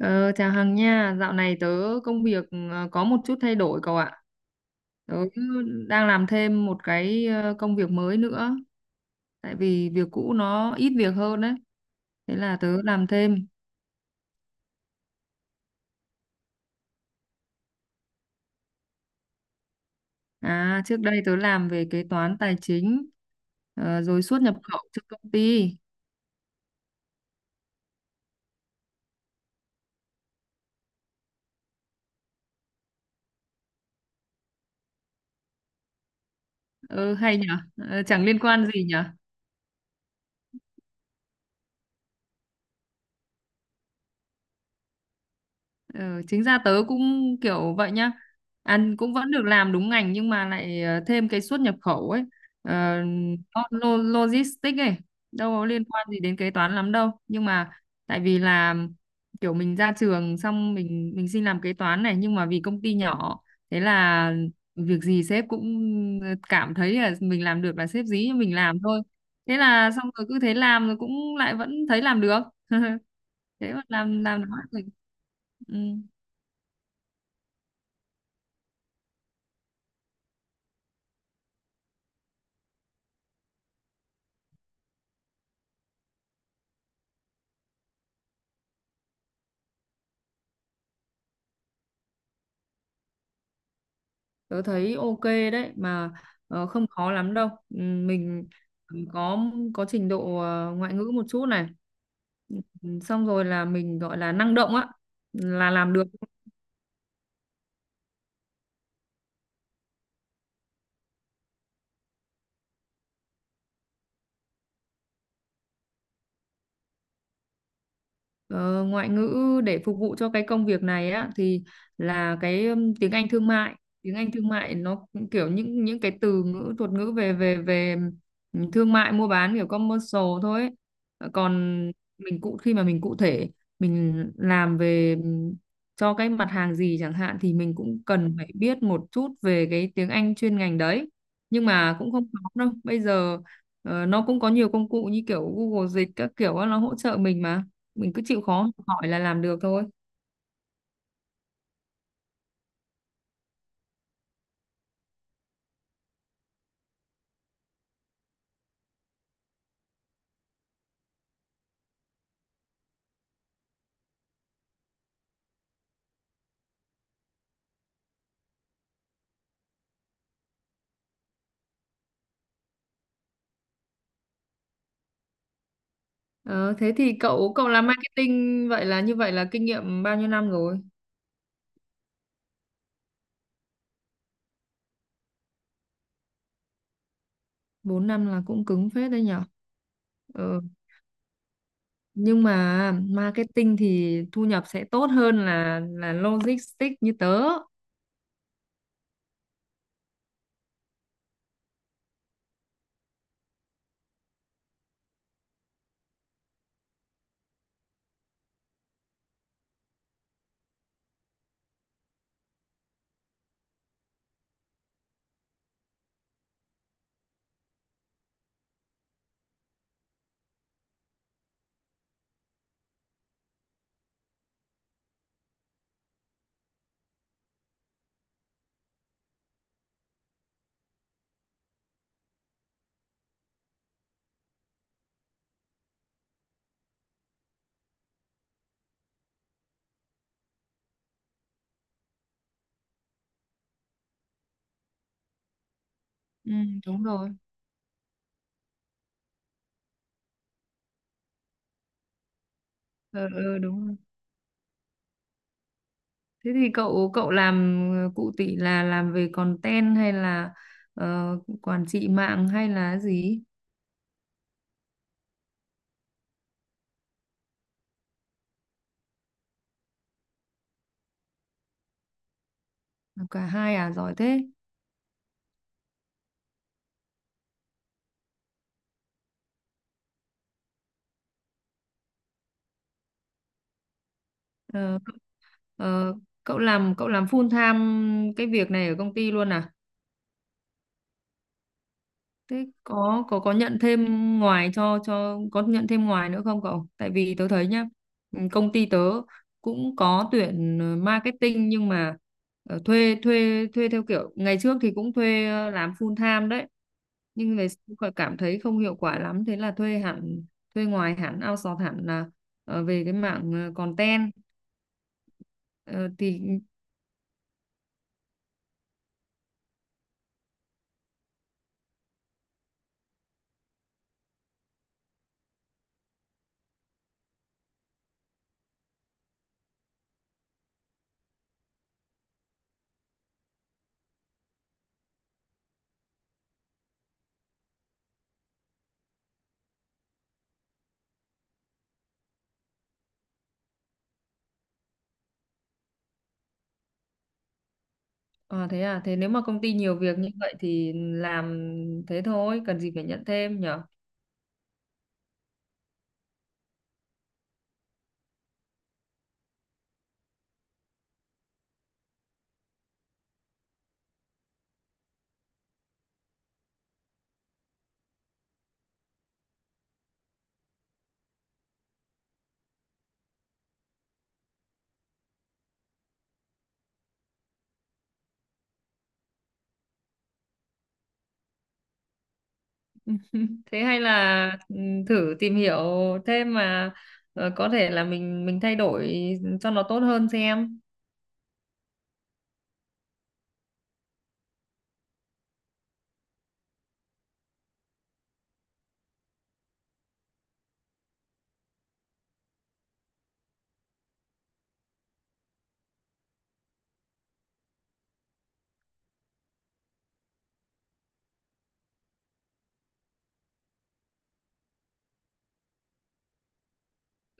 Ờ, Chào Hằng nha, dạo này tớ công việc có một chút thay đổi cậu ạ. Tớ đang làm thêm một cái công việc mới nữa, tại vì việc cũ nó ít việc hơn đấy. Thế là tớ làm thêm. À, trước đây tớ làm về kế toán tài chính, rồi xuất nhập khẩu cho công ty. Ừ, hay nhở. Chẳng liên quan gì nhỉ? Ừ, chính ra tớ cũng kiểu vậy nhá, ăn cũng vẫn được làm đúng ngành, nhưng mà lại thêm cái xuất nhập khẩu ấy, ờ, nó logistics ấy, đâu có liên quan gì đến kế toán lắm đâu, nhưng mà tại vì là kiểu mình ra trường xong mình xin làm kế toán này, nhưng mà vì công ty nhỏ, thế là việc gì sếp cũng cảm thấy là mình làm được là sếp dí cho mình làm thôi, thế là xong rồi cứ thế làm, rồi cũng lại vẫn thấy làm được. Thế mà làm nó thì ừ. Tớ thấy ok đấy mà, không khó lắm đâu, ừ, mình có có trình độ ngoại ngữ một chút này. Ừ, xong rồi là mình gọi là năng động á, là làm được. Ờ, Ngoại ngữ để phục vụ cho cái công việc này á thì là cái tiếng Anh thương mại, nó cũng kiểu những cái từ ngữ thuật ngữ về về về thương mại mua bán kiểu commercial thôi ấy. Ờ, còn mình cụ khi mà mình cụ thể mình làm về cho cái mặt hàng gì chẳng hạn thì mình cũng cần phải biết một chút về cái tiếng Anh chuyên ngành đấy, nhưng mà cũng không khó đâu bây giờ, nó cũng có nhiều công cụ như kiểu Google Dịch các kiểu á, nó hỗ trợ mình mà, mình cứ chịu khó học hỏi là làm được thôi. Ờ, Thế thì cậu cậu làm marketing, vậy là như vậy là kinh nghiệm bao nhiêu năm rồi? 4 năm là cũng cứng phết đấy nhở. Ờ, nhưng mà marketing thì thu nhập sẽ tốt hơn là logistics như tớ. Ừ, đúng rồi. Ờ, Đúng rồi. Thế thì cậu cậu làm, cụ tỷ là làm về content hay là ờ, quản trị mạng hay là gì? Làm cả hai à, giỏi thế. Ờ. Ờ, Cậu làm, cậu làm full time cái việc này ở công ty luôn à? Thế có nhận thêm ngoài nữa không cậu? Tại vì tớ thấy nhá, ừ, công ty tớ cũng có tuyển marketing, nhưng mà thuê thuê thuê theo kiểu ngày trước thì cũng thuê làm full time đấy. Nhưng về sau cậu cảm thấy không hiệu quả lắm, thế là thuê hẳn, thuê ngoài hẳn, outsource hẳn là về cái mảng content. Ờ, thì à, thế nếu mà công ty nhiều việc như vậy thì làm thế thôi, cần gì phải nhận thêm nhở? Thế hay là, ừ, thử tìm hiểu thêm mà, có thể là mình thay đổi cho nó tốt hơn xem.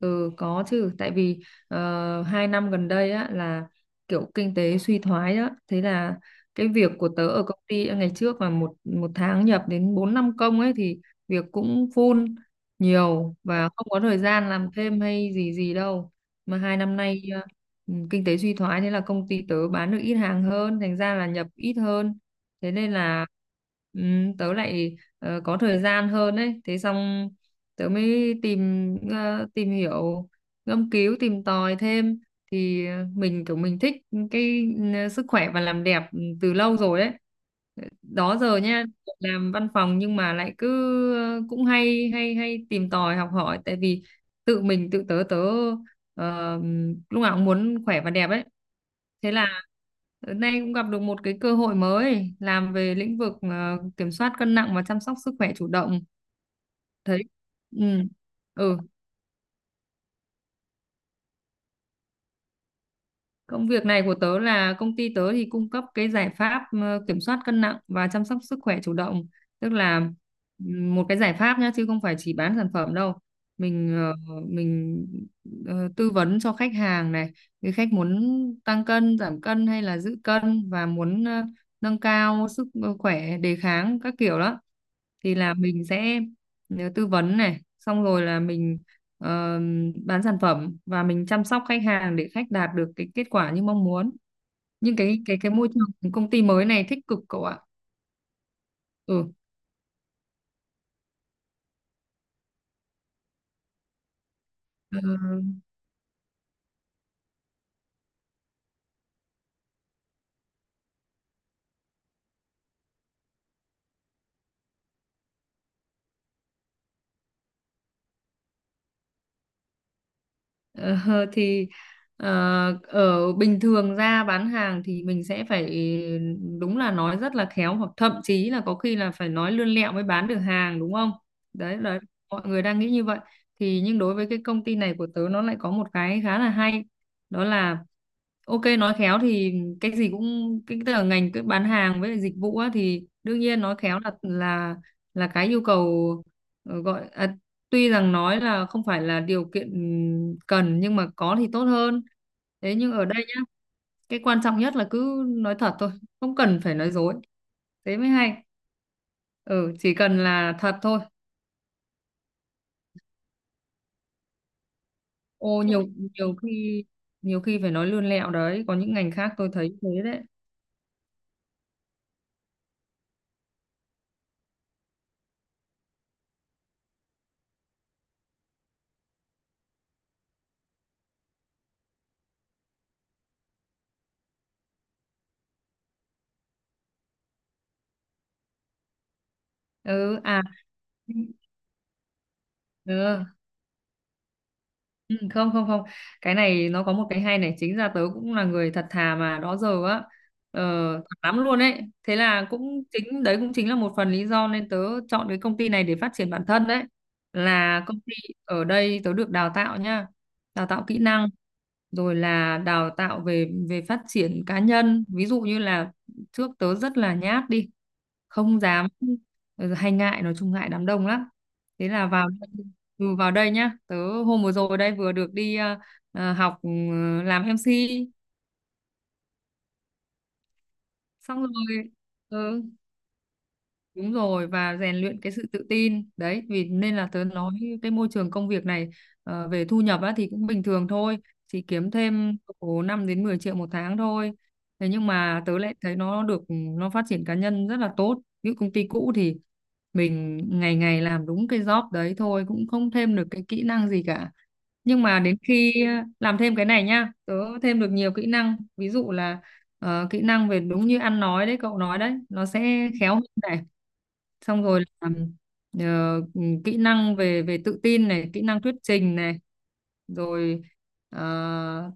Ừ, có chứ, tại vì 2 năm gần đây á là kiểu kinh tế suy thoái á, thế là cái việc của tớ ở công ty ngày trước mà một một tháng nhập đến 4 5 công ấy thì việc cũng full, nhiều và không có thời gian làm thêm hay gì gì đâu. Mà 2 năm nay, ừ, kinh tế suy thoái, thế là công ty tớ bán được ít hàng hơn, thành ra là nhập ít hơn, thế nên là ừ, tớ lại có thời gian hơn đấy. Thế xong tớ mới tìm hiểu, ngâm cứu tìm tòi thêm, thì mình kiểu mình thích cái sức khỏe và làm đẹp từ lâu rồi đấy, đó giờ nha. Làm văn phòng nhưng mà lại cứ cũng hay hay hay tìm tòi học hỏi, tại vì tự tớ tớ ờ, lúc nào cũng muốn khỏe và đẹp ấy. Thế là hôm nay cũng gặp được một cái cơ hội mới, làm về lĩnh vực kiểm soát cân nặng và chăm sóc sức khỏe chủ động, thấy, ừ. Ừ, công việc này của tớ là công ty tớ thì cung cấp cái giải pháp kiểm soát cân nặng và chăm sóc sức khỏe chủ động. Tức là một cái giải pháp nhá, chứ không phải chỉ bán sản phẩm đâu. mình ờ, mình tư vấn cho khách hàng này, cái khách muốn tăng cân, giảm cân hay là giữ cân và muốn nâng cao sức khỏe, đề kháng các kiểu đó, thì là mình sẽ tư vấn này, xong rồi là mình ờ, bán sản phẩm và mình chăm sóc khách hàng để khách đạt được cái kết quả như mong muốn. Nhưng cái môi trường công ty mới này thích cực cậu ạ. Ừ. Ờ, Ờ, thì ờ, Ở bình thường ra bán hàng thì mình sẽ phải đúng là nói rất là khéo, hoặc thậm chí là có khi là phải nói lươn lẹo mới bán được hàng, đúng không? Đấy là mọi người đang nghĩ như vậy. Thì nhưng đối với cái công ty này của tớ, nó lại có một cái khá là hay, đó là: ok, nói khéo thì, cái gì cũng, cái tức là ngành, cái bán hàng với lại dịch vụ á, thì đương nhiên nói khéo là cái yêu cầu, ờ, gọi à, tuy rằng nói là không phải là điều kiện cần nhưng mà có thì tốt hơn. Thế nhưng ở đây nhá, cái quan trọng nhất là cứ nói thật thôi, không cần phải nói dối, thế mới hay. Ừ, chỉ cần là thật thôi. Ô nhiều nhiều khi Nhiều khi phải nói lươn lẹo đấy, có những ngành khác tôi thấy thế đấy. Ừ, à, ừ. Ừ, không, không, không, cái này nó có một cái hay này, chính ra tớ cũng là người thật thà mà đó giờ á, ờ, thật lắm luôn ấy. Thế là cũng chính đấy, cũng chính là một phần lý do nên tớ chọn cái công ty này để phát triển bản thân đấy. Là công ty ở đây tớ được đào tạo nha, đào tạo kỹ năng, rồi là đào tạo về về phát triển cá nhân, ví dụ như là trước tớ rất là nhát, đi không dám, hay ngại, nói chung ngại đám đông lắm. Thế là vào, vào đây nhá, tớ hôm vừa rồi đây vừa được đi học, làm MC, xong rồi. Ừ, đúng rồi và rèn luyện cái sự tự tin đấy, vì nên là tớ nói cái môi trường công việc này, về thu nhập á, thì cũng bình thường thôi, chỉ kiếm thêm khoảng 5 đến 10 triệu một tháng thôi. Thế nhưng mà tớ lại thấy nó được, nó phát triển cá nhân rất là tốt. Ví dụ công ty cũ thì mình ngày ngày làm đúng cái job đấy thôi, cũng không thêm được cái kỹ năng gì cả, nhưng mà đến khi làm thêm cái này nhá, tớ thêm được nhiều kỹ năng, ví dụ là kỹ năng về đúng như ăn nói đấy, cậu nói đấy, nó sẽ khéo hơn, xong rồi là kỹ năng về về tự tin này, kỹ năng thuyết trình này, rồi ờ,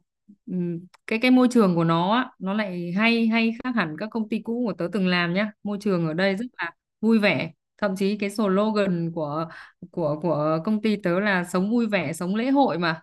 ừm, cái môi trường của nó á, nó lại hay hay khác hẳn các công ty cũ của tớ từng làm nhá. Môi trường ở đây rất là vui vẻ, thậm chí cái slogan của, của công ty tớ là sống vui vẻ sống lễ hội mà.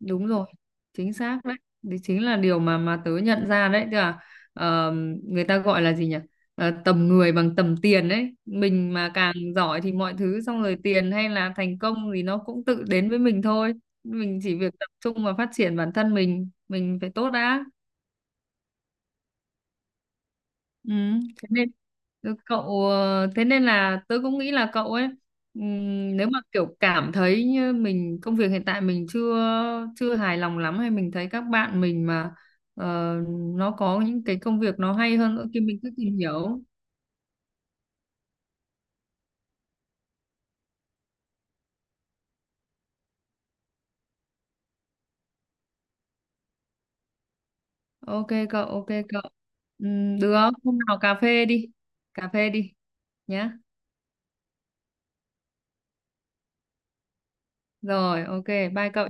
Đúng rồi, chính xác đấy, đấy chính là điều mà tớ nhận ra đấy. Tức là ờ, người ta gọi là gì nhỉ? Tầm người bằng tầm tiền đấy, mình mà càng giỏi thì mọi thứ, xong rồi tiền hay là thành công thì nó cũng tự đến với mình thôi, mình chỉ việc tập trung và phát triển bản thân, mình phải tốt đã. Ừ, thế nên, thế nên là tớ cũng nghĩ là cậu ấy, nếu mà kiểu cảm thấy như mình, công việc hiện tại mình chưa chưa hài lòng lắm, hay mình thấy các bạn mình mà ờ, nó có những cái công việc nó hay hơn nữa thì mình cứ tìm hiểu. Ok cậu, ok cậu. Được, hôm nào cà phê đi. Cà phê đi nhá. Rồi, ok, bye cậu.